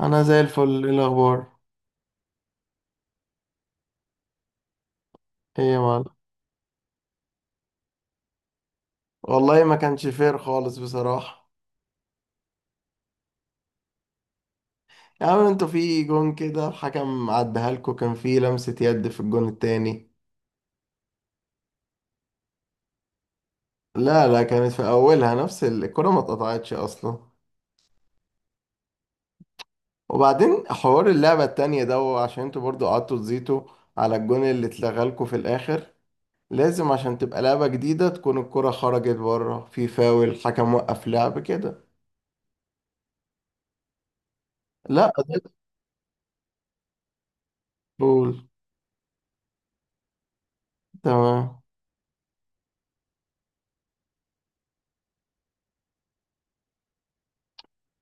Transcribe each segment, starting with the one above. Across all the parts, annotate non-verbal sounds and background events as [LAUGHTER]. انا زي الفل. ايه الاخبار؟ ايه يا معلم؟ والله ما كانش فير خالص بصراحه. يا عم انتوا في جون كده الحكم عدها لكم، كان في لمسه يد في الجون التاني. لا لا، كانت في اولها نفس الكره، ما اتقطعتش اصلا. وبعدين حوار اللعبه التانية ده، عشان انتوا برضو قعدتوا تزيتوا على الجون اللي اتلغى لكم في الاخر. لازم عشان تبقى لعبه جديده تكون الكره خرجت بره في فاول، الحكم وقف لعب كده. لا ده. قول. تمام.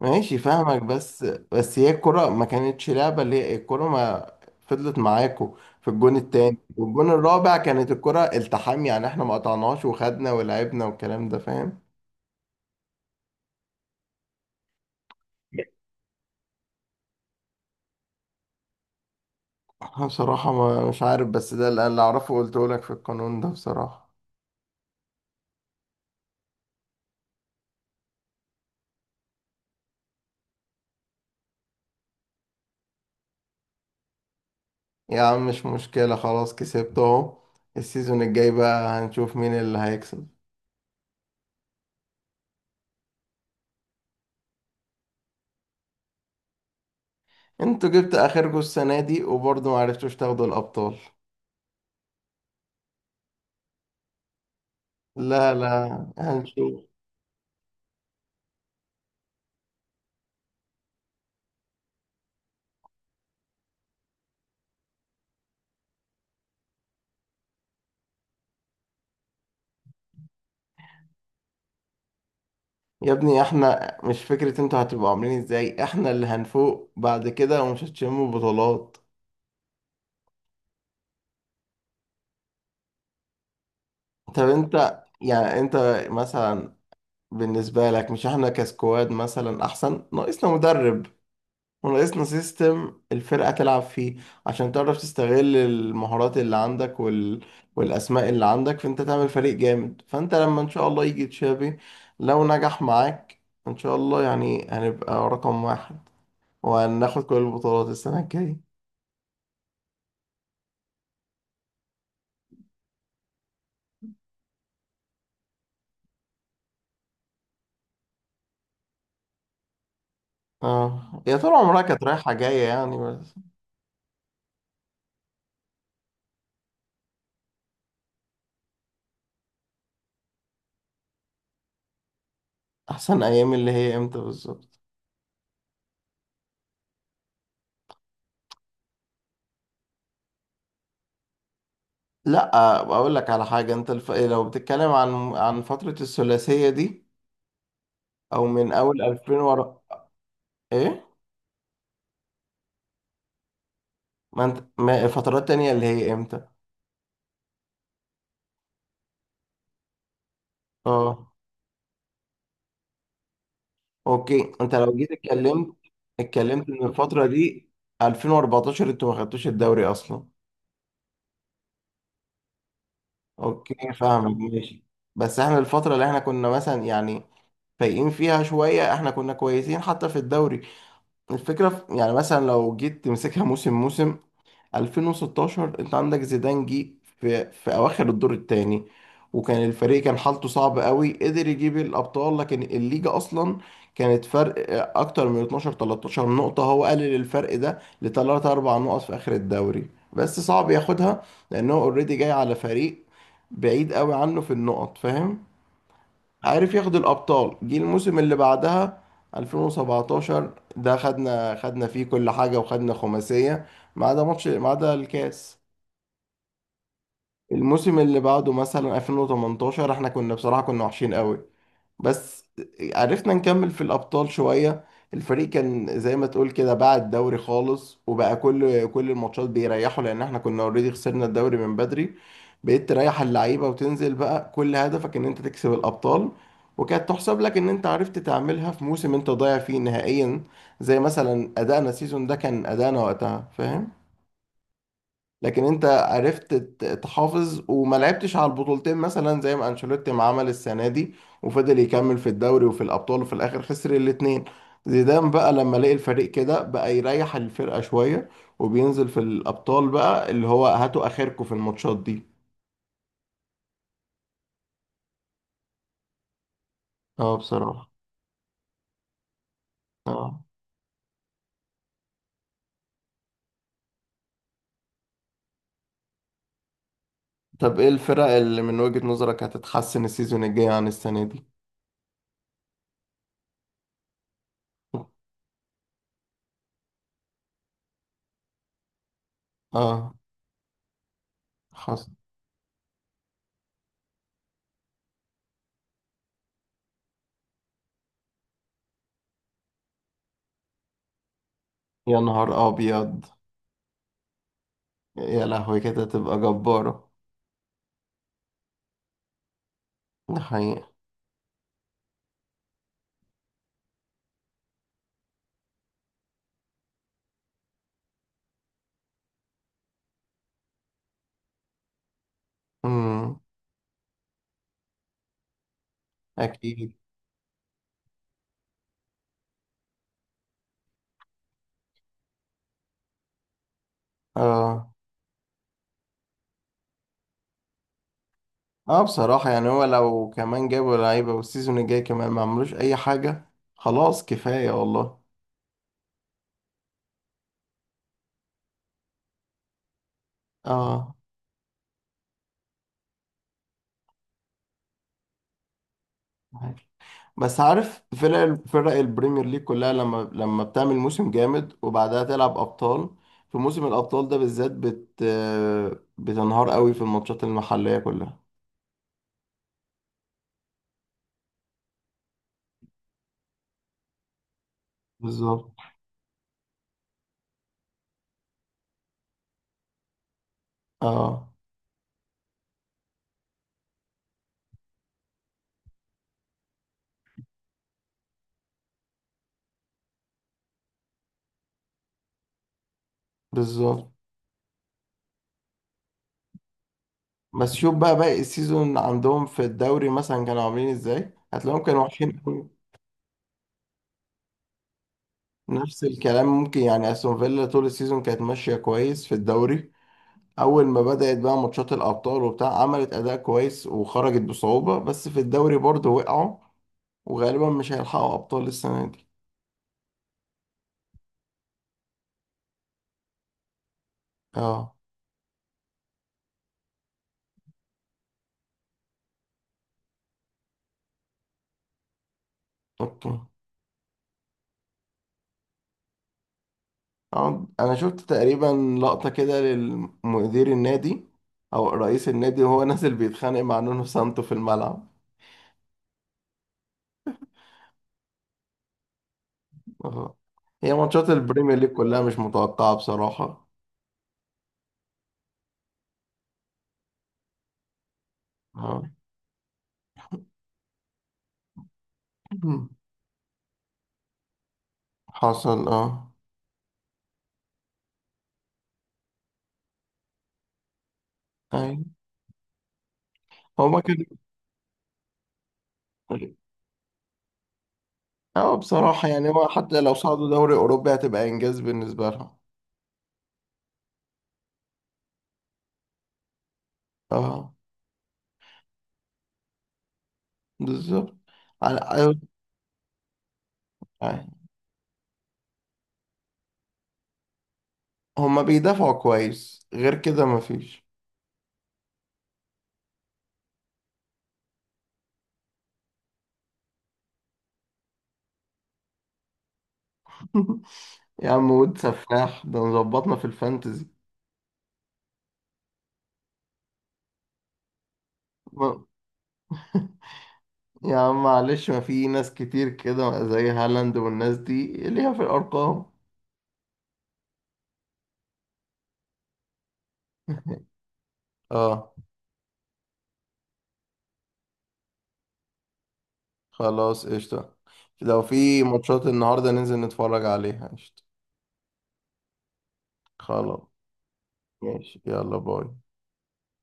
ماشي فاهمك، بس هي الكرة ما كانتش لعبة، اللي هي الكرة ما فضلت معاكو في الجون التاني. والجون الرابع كانت الكرة التحام، يعني احنا ما قطعناش وخدنا ولعبنا والكلام ده، فاهم؟ أنا بصراحة ما مش عارف، بس ده اللي أعرفه قلته لك في القانون ده بصراحة. يا عم مش مشكلة، خلاص كسبت أهو. السيزون الجاي بقى هنشوف مين اللي هيكسب. انتوا جبت آخركوا السنة دي وبرضه ما عرفتوش تاخدوا الأبطال. لا لا، هنشوف. يا ابني احنا مش فكرة انتوا هتبقوا عاملين ازاي، احنا اللي هنفوق بعد كده ومش هتشموا بطولات. طب انت يعني انت مثلا، بالنسبة لك مش احنا كسكواد مثلا احسن؟ ناقصنا مدرب وناقصنا سيستم الفرقة تلعب فيه، عشان تعرف تستغل المهارات اللي عندك وال... والاسماء اللي عندك، فانت تعمل فريق جامد. فانت لما ان شاء الله يجي تشافي، لو نجح معاك ان شاء الله يعني، هنبقى رقم واحد وهناخد كل البطولات السنة الجاية. اه يا طول عمرها كانت رايحة جاية يعني بس. أحسن أيام اللي هي إمتى بالظبط؟ لأ أقول لك على حاجة، إيه، لو بتتكلم عن فترة الثلاثية دي أو من أول 2000 ورا. إيه؟ ما أنت ما فترات تانية اللي هي إمتى؟ اه أوكي، أنت لو جيت اتكلمت إن الفترة دي 2014، أنتوا ما خدتوش الدوري أصلا. أوكي فاهمك ماشي. بس إحنا الفترة اللي إحنا كنا مثلا يعني فايقين فيها شوية، إحنا كنا كويسين حتى في الدوري. الفكرة في يعني مثلا، لو جيت تمسكها موسم، 2016 انت عندك زيدان جه في اواخر الدور الثاني، وكان الفريق كان حالته صعبة قوي، قدر يجيب الابطال. لكن الليجا اصلا كانت فرق اكتر من 12 13 نقطة، هو قلل الفرق ده لثلاث اربع نقط في اخر الدوري، بس صعب ياخدها لانه اوريدي جاي على فريق بعيد قوي عنه في النقط، فاهم؟ عارف ياخد الابطال. جه الموسم اللي بعدها 2017 ده، خدنا فيه كل حاجه وخدنا خماسيه ما عدا ماتش، ما عدا الكاس. الموسم اللي بعده مثلا 2018 احنا كنا بصراحه كنا وحشين قوي، بس عرفنا نكمل في الأبطال شوية. الفريق كان زي ما تقول كده باع الدوري خالص، وبقى كل الماتشات بيريحوا، لأن احنا كنا اوريدي خسرنا الدوري من بدري. بقيت تريح اللعيبة وتنزل بقى كل هدفك إن أنت تكسب الأبطال، وكانت تحسب لك إن أنت عرفت تعملها في موسم أنت ضايع فيه نهائيا، زي مثلا أدائنا السيزون ده، كان أدائنا وقتها، فاهم؟ لكن انت عرفت تحافظ وما لعبتش على البطولتين، مثلا زي ما انشيلوتي ما عمل السنه دي، وفضل يكمل في الدوري وفي الابطال وفي الاخر خسر الاثنين. زيدان بقى لما لقي الفريق كده بقى يريح الفرقه شويه، وبينزل في الابطال بقى اللي هو هاتوا اخركم في الماتشات دي. اه بصراحه. اه. طب ايه الفرق اللي من وجهة نظرك هتتحسن السيزون الجاي عن السنه دي؟ اه. حصل. يا نهار ابيض. يا لهوي كده تبقى جبارة. ده حقيقة. مم. اكيد. اه. اه بصراحة يعني هو لو كمان جابوا لعيبة والسيزون الجاي كمان ما عملوش اي حاجة، خلاص كفاية والله. اه. عارف. بس عارف فرق، فرق البريمير ليج كلها لما بتعمل موسم جامد وبعدها تلعب ابطال، في موسم الابطال ده بالذات بتنهار قوي في الماتشات المحلية كلها. بالظبط. اه. بالظبط. بس شوف بقى باقي السيزون عندهم في الدوري مثلا كانوا عاملين ازاي، هتلاقيهم كانوا وحشين. نفس الكلام ممكن يعني، استون فيلا طول السيزون كانت ماشيه كويس في الدوري، اول ما بدات بقى ماتشات الابطال وبتاع عملت اداء كويس وخرجت بصعوبه، بس في الدوري برضه وقعوا، وغالبا مش هيلحقوا ابطال السنه دي. اه. اوكي. آه، انا شفت تقريبا لقطه كده للمدير النادي او رئيس النادي، وهو [LAUGHS] نازل بيتخانق مع نونو سانتو في الملعب. اه. هي ماتشات البريمير ليج كلها مش متوقعه بصراحه. اه. [LAUGHS] حصل. اه. أيوة. هما كانوا. اه بصراحة يعني هو حتى لو صعدوا دوري أوروبي هتبقى إنجاز بالنسبة لهم. اه. بالظبط. على أيوة، يعني هما بيدافعوا كويس، غير كده مفيش. [LAUGHS] يا عم واد سفاح ده مظبطنا في الفانتزي. ما- [LAUGHS] يا عم معلش، ما في ناس كتير كده زي هالاند والناس دي ليها في الأرقام. اه. خلاص قشطة. لو في ماتشات النهاردة ننزل نتفرج عليها قشطة. خلاص. ماشي يلا باي.